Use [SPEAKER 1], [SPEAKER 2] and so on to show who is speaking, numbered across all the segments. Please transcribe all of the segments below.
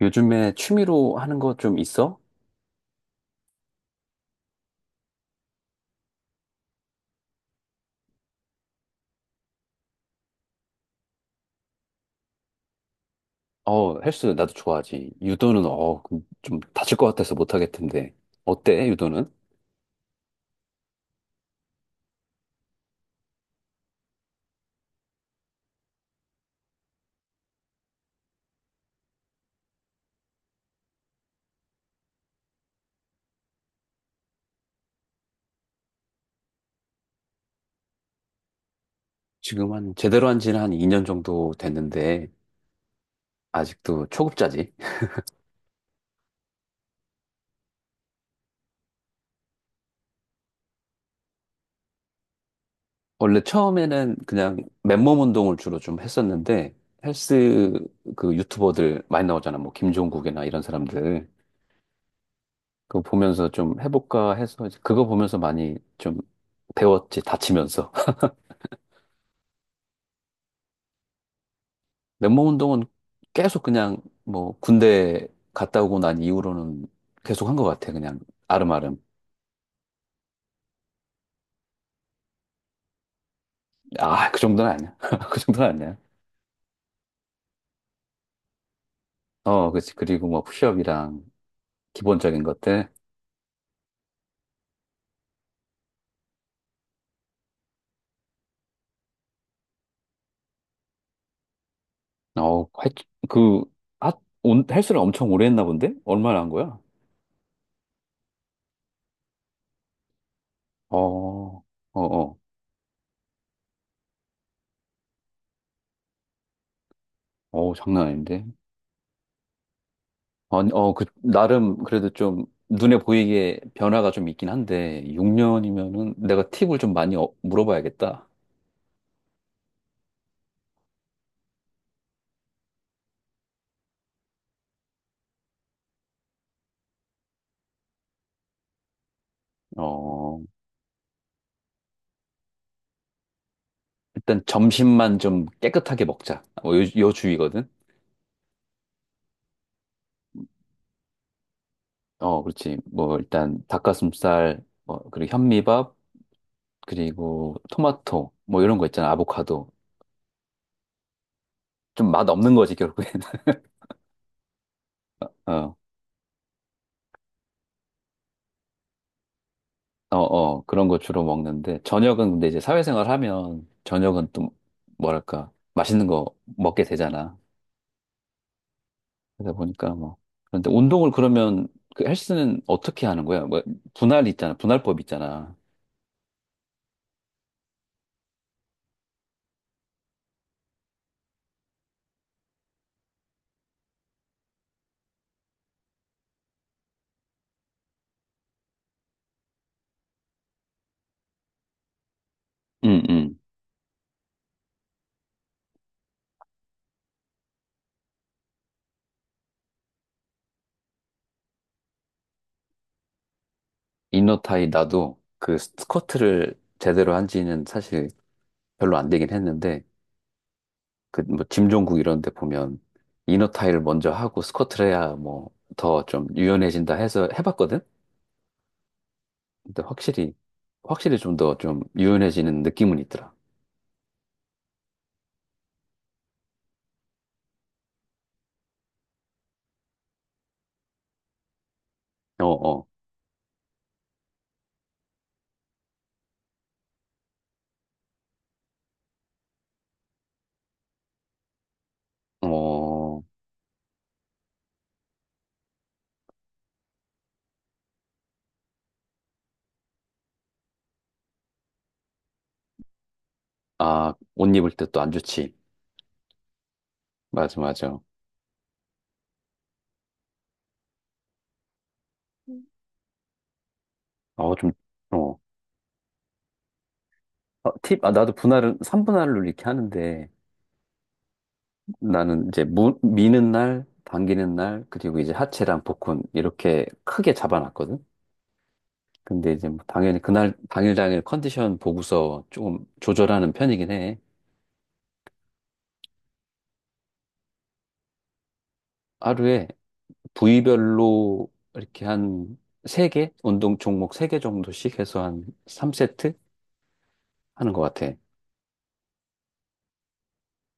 [SPEAKER 1] 요즘에 취미로 하는 거 좀 있어? 어, 헬스 나도 좋아하지. 유도는 좀 다칠 것 같아서 못 하겠던데. 어때, 유도는? 지금 한 제대로 한 지는 한 2년 정도 됐는데 아직도 초급자지. 원래 처음에는 그냥 맨몸 운동을 주로 좀 했었는데 헬스, 그 유튜버들 많이 나오잖아. 뭐 김종국이나 이런 사람들. 그거 보면서 좀 해볼까 해서 이제 그거 보면서 많이 좀 배웠지, 다치면서. 맨몸 운동은 계속 그냥 뭐 군대 갔다 오고 난 이후로는 계속 한 것 같아. 그냥 아름아름. 아, 그 정도는 아니야. 그 정도는 아니야. 어, 그치. 그리고 뭐 푸시업이랑 기본적인 것들. 어, 할, 그, 하, 온, 헬스를 엄청 오래 했나 본데? 얼마나 한 거야? 어, 어, 어. 어, 장난 아닌데. 아니, 나름 그래도 좀 눈에 보이게 변화가 좀 있긴 한데, 6년이면은 내가 팁을 좀 많이 물어봐야겠다. 어. 일단 점심만 좀 깨끗하게 먹자. 뭐 요 주의거든. 어, 그렇지. 뭐 일단 닭가슴살, 뭐 그리고 현미밥, 그리고 토마토, 뭐 이런 거 있잖아. 아보카도. 좀 맛 없는 거지 결국에는. 어, 어 그런 거 주로 먹는데 저녁은 근데 이제 사회생활 하면 저녁은 또 뭐랄까 맛있는 거 먹게 되잖아. 그러다 보니까 뭐 그런데 운동을 그러면 그 헬스는 어떻게 하는 거야? 뭐 분할 있잖아. 분할법 있잖아. 응, 응. 이너타이 나도 그 스쿼트를 제대로 한 지는 사실 별로 안 되긴 했는데 그 뭐 짐종국 이런 데 보면 이너타이를 먼저 하고 스쿼트를 해야 뭐 더 좀 유연해진다 해서 해봤거든? 근데 확실히 좀 더 좀 유연해지는 느낌은 있더라. 어, 어, 어, 아, 옷 입을 때 또 안 좋지. 맞아, 맞아. 어, 좀, 어. 나도 분할은 3분할로 이렇게 하는데, 나는 이제 미는 날, 당기는 날, 그리고 이제 하체랑 복근 이렇게 크게 잡아놨거든. 근데 이제 뭐 당연히 그날 당일 컨디션 보고서 조금 조절하는 편이긴 해. 하루에 부위별로 이렇게 한 세개 운동 종목 세 개 정도씩 해서 한 3세트 하는 것 같아.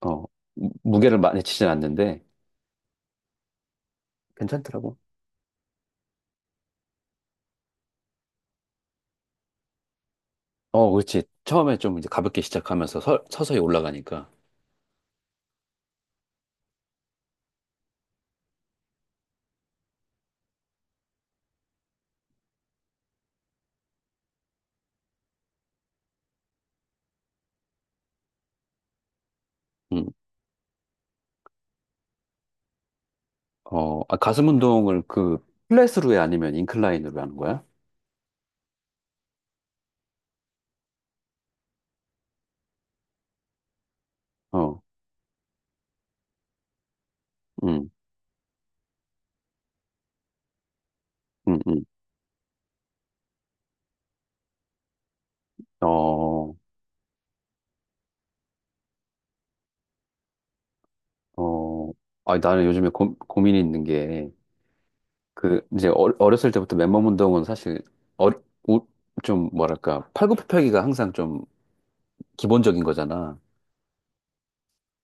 [SPEAKER 1] 어, 무게를 많이 치진 않는데 괜찮더라고. 어, 그렇지. 처음에 좀 이제 가볍게 시작하면서 서서히 올라가니까. 음. 어, 아, 가슴 운동을 그 플랫으로 해 아니면 인클라인으로 하는 거야? 어, 음, 음, 음. 어, 어. 아, 나는 요즘에 고민이 있는 게 그 이제 어렸을 때부터 맨몸 운동은 사실 어, 우- 좀 뭐랄까 팔굽혀펴기가 항상 좀 기본적인 거잖아.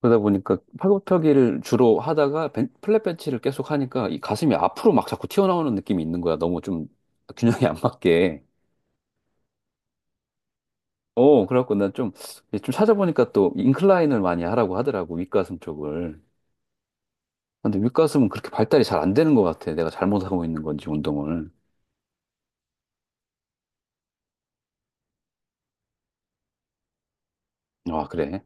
[SPEAKER 1] 그러다 보니까 팔굽혀펴기를 주로 하다가 플랫 벤치를 계속 하니까 이 가슴이 앞으로 막 자꾸 튀어나오는 느낌이 있는 거야. 너무 좀 균형이 안 맞게. 어, 그래갖고 난 좀, 좀 찾아보니까 또 인클라인을 많이 하라고 하더라고, 윗가슴 쪽을. 근데 윗가슴은 그렇게 발달이 잘 안 되는 것 같아. 내가 잘못하고 있는 건지, 운동을. 아, 그래?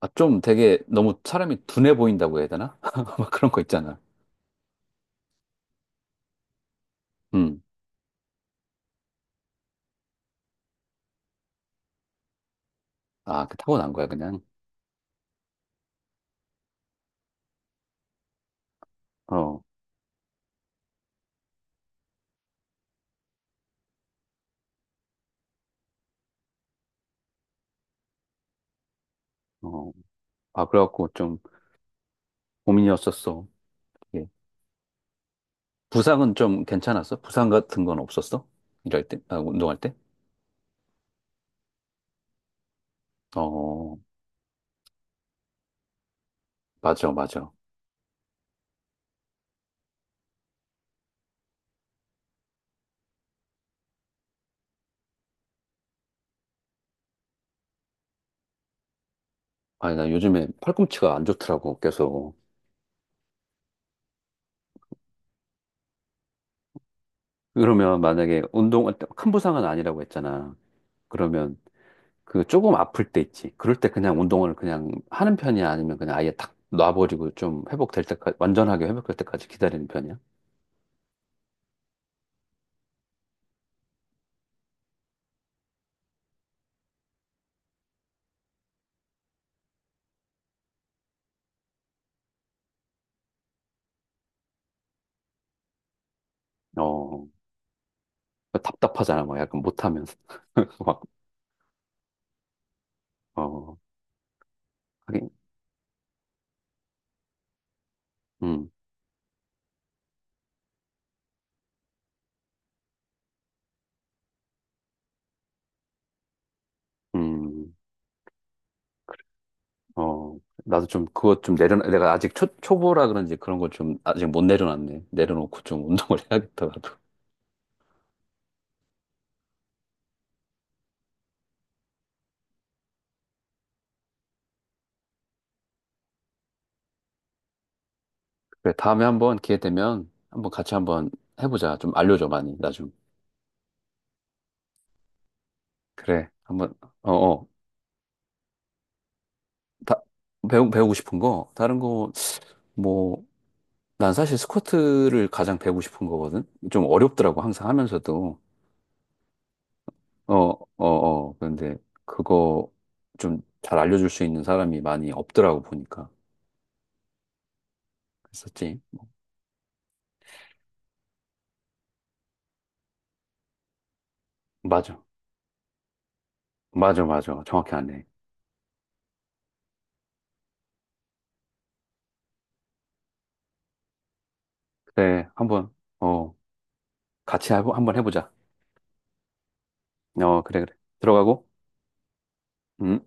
[SPEAKER 1] 아, 좀 되게 너무 사람이 둔해 보인다고 해야 되나? 막 그런 거 있잖아. 음. 아, 그 타고난 거야, 그냥. 어, 어. 아, 그래갖고 좀 고민이었었어. 예. 부상은 좀 괜찮았어? 부상 같은 건 없었어? 일할 때? 아, 운동할 때? 어, 맞아, 맞아. 아니, 나 요즘에 팔꿈치가 안 좋더라고, 계속. 그러면 만약에 운동, 큰 부상은 아니라고 했잖아. 그러면 그 조금 아플 때 있지. 그럴 때 그냥 운동을 그냥 하는 편이야? 아니면 그냥 아예 탁 놔버리고 좀 회복될 때까지, 완전하게 회복될 때까지 기다리는 편이야? 어, 어, 답답하잖아. 막 약간 못하면. 막, 어, 하긴, 음, 음, 어. 나도 좀 그거 좀 내려놔. 내가 아직 초보라 그런지 그런 걸 좀 아직 못 내려놨네. 내려놓고 좀 운동을 해야겠다, 나도. 그래, 다음에 한번 기회 되면 한번 같이 한번 해보자. 좀 알려줘, 많이. 나 좀. 그래. 한번, 어어. 다, 배우고 싶은 거? 다른 거, 뭐, 난 사실 스쿼트를 가장 배우고 싶은 거거든? 좀 어렵더라고, 항상 하면서도. 어, 어, 어. 그런데 그거 좀 잘 알려줄 수 있는 사람이 많이 없더라고, 보니까. 그랬었지. 맞아. 맞아. 정확히 아네. 그래, 한번, 어, 한번 해보자. 어, 그래, 그래. 들어가고. 음.